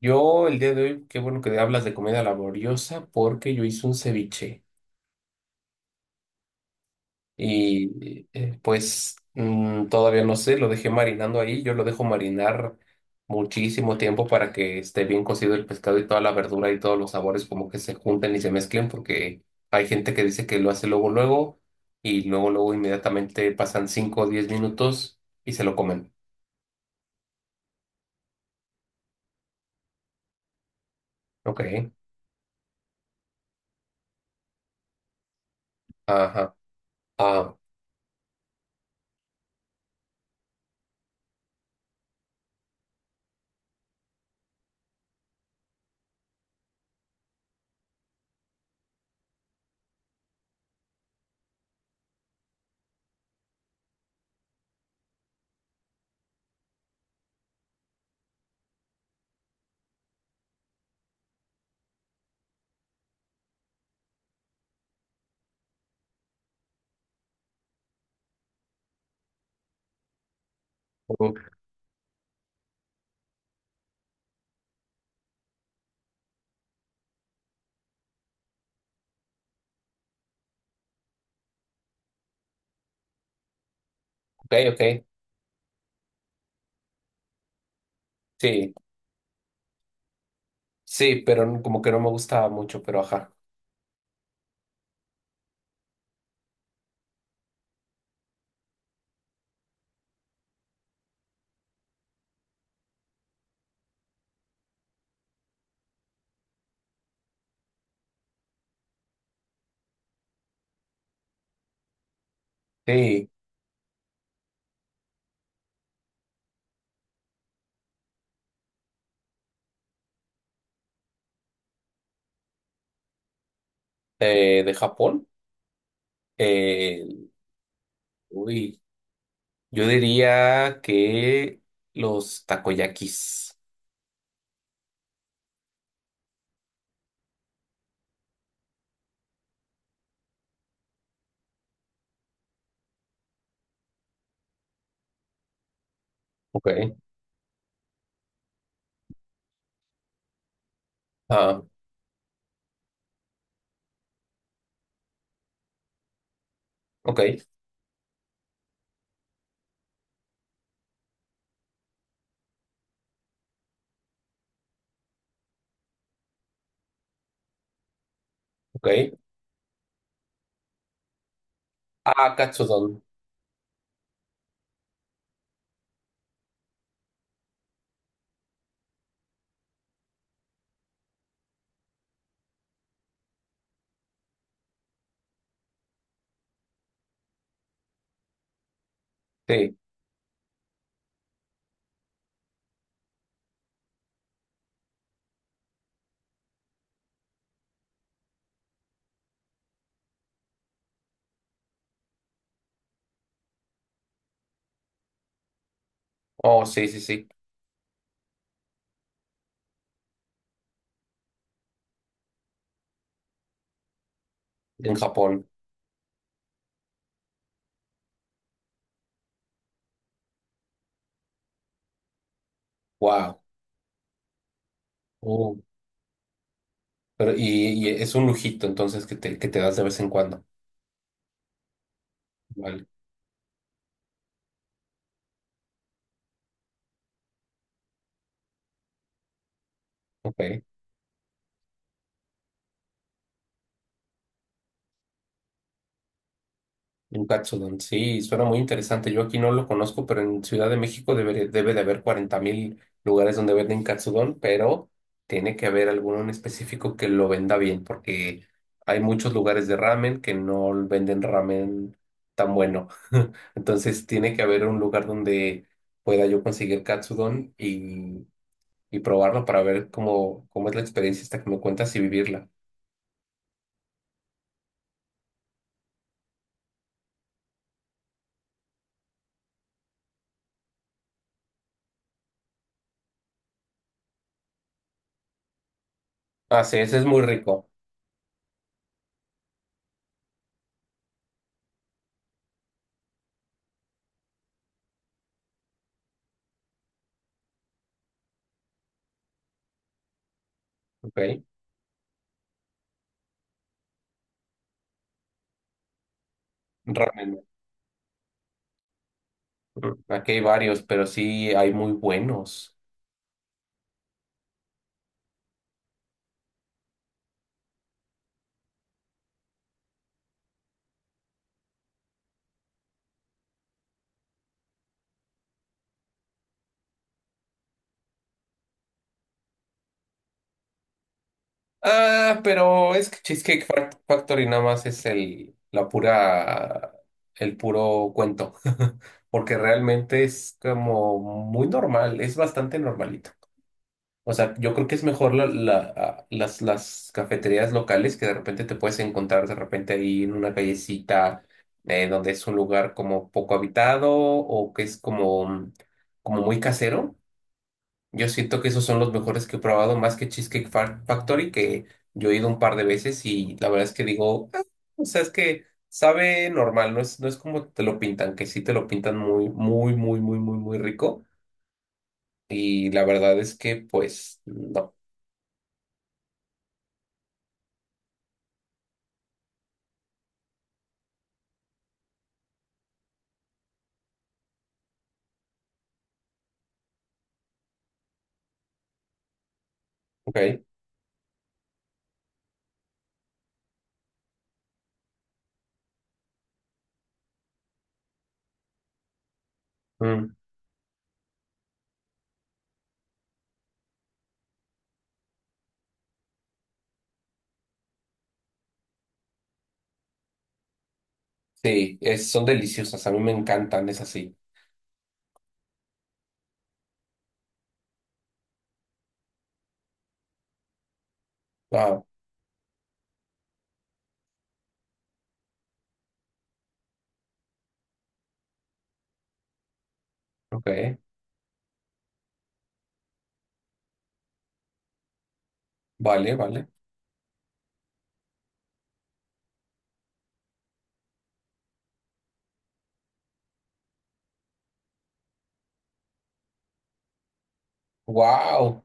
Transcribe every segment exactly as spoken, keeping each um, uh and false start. Yo el día de hoy, qué bueno que hablas de comida laboriosa porque yo hice un ceviche y eh, pues mm, todavía no sé, lo dejé marinando ahí, yo lo dejo marinar muchísimo tiempo para que esté bien cocido el pescado y toda la verdura y todos los sabores como que se junten y se mezclen porque hay gente que dice que lo hace luego luego, y luego luego inmediatamente pasan cinco o diez minutos y se lo comen. Ok, ajá, ah, ok, ok, sí. Sí, pero n- como que no me gustaba mucho, pero ajá. Sí, eh, de Japón. eh, Uy, yo diría que los takoyakis. Ok. Ah, ok, ok. Ah, katsudon. Sí. Oh, sí, sí, sí. En Japón. Wow. Oh, pero y, y es un lujito, entonces, que te, que te das de vez en cuando. Vale. Ok. Un Katsudon, sí, suena muy interesante. Yo aquí no lo conozco, pero en Ciudad de México debe, debe de haber cuarenta mil lugares donde venden Katsudon, pero tiene que haber alguno en específico que lo venda bien, porque hay muchos lugares de ramen que no venden ramen tan bueno. Entonces tiene que haber un lugar donde pueda yo conseguir Katsudon y, y probarlo para ver cómo, cómo es la experiencia esta que me cuentas y vivirla. Ah, sí, ese es muy rico. Ok. Ramen. Aquí hay varios, pero sí hay muy buenos. Ah, pero es que Cheesecake Fac- Factory nada más es el, la pura, el puro cuento. Porque realmente es como muy normal, es bastante normalito. O sea, yo creo que es mejor la- la- ah, las, las cafeterías locales que de repente te puedes encontrar de repente ahí en una callecita, eh, donde es un lugar como poco habitado o que es como, como muy casero. Yo siento que esos son los mejores que he probado, más que Cheesecake Fa- Factory, que yo he ido un par de veces y la verdad es que digo: "Ah, o sea, es que sabe normal, no es, no es como te lo pintan", que sí te lo pintan muy, muy, muy, muy, muy, muy rico. Y la verdad es que, pues, no. Ok. Mm, sí, es- son deliciosas, a mí me encantan, es así. Wow. Ok. Vale, vale. Wow.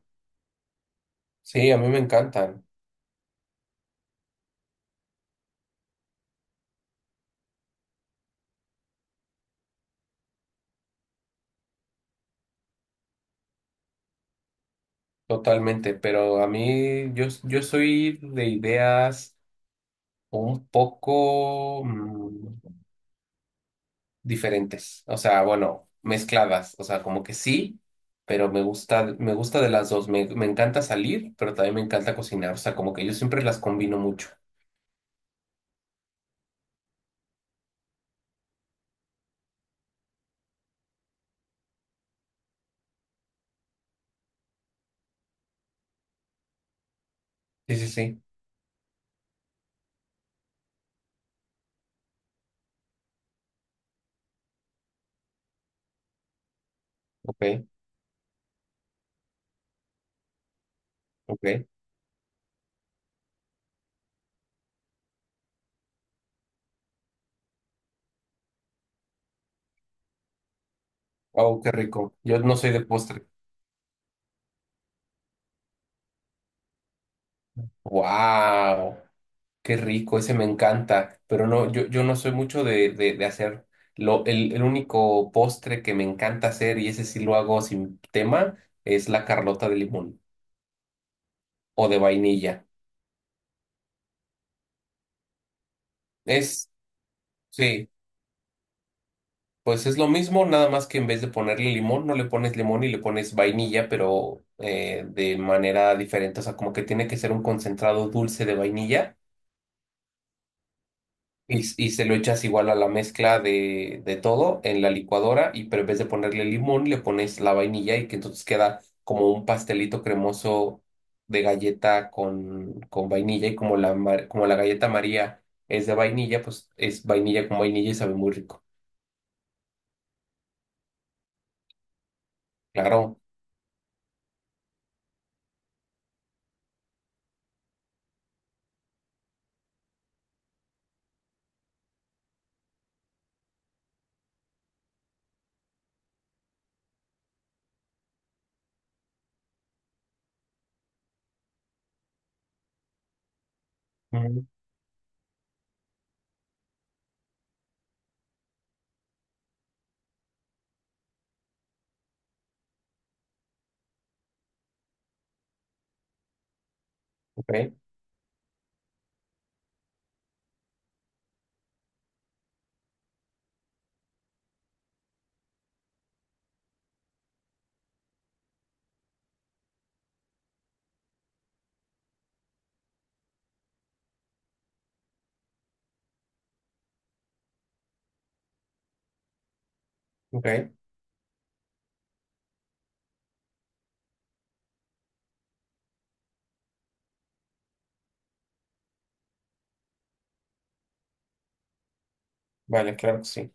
Sí, a mí me encantan, totalmente, pero a mí, yo, yo soy de ideas un poco mm, diferentes, o sea, bueno, mezcladas, o sea, como que sí, pero me gusta, me gusta de las dos, me, me encanta salir, pero también me encanta cocinar, o sea, como que yo siempre las combino mucho. Sí, sí, sí, ok, ok. Oh, qué rico. Yo no soy de postre. Wow, qué rico, ese me encanta, pero no, yo, yo no soy mucho de, de, de hacer. Lo, el, el único postre que me encanta hacer, y ese sí lo hago sin tema, es la Carlota de limón, o de vainilla. Es, sí, pues es lo mismo, nada más que en vez de ponerle limón, no le pones limón y le pones vainilla, pero eh, de manera diferente. O sea, como que tiene que ser un concentrado dulce de vainilla y, y se lo echas igual a la mezcla de, de todo en la licuadora, y pero en vez de ponerle limón, le pones la vainilla y que entonces queda como un pastelito cremoso de galleta con, con vainilla y como la, mar- como la galleta María es de vainilla, pues es vainilla con vainilla y sabe muy rico. Claro. Mm, ok, ok. Vale, claro que sí.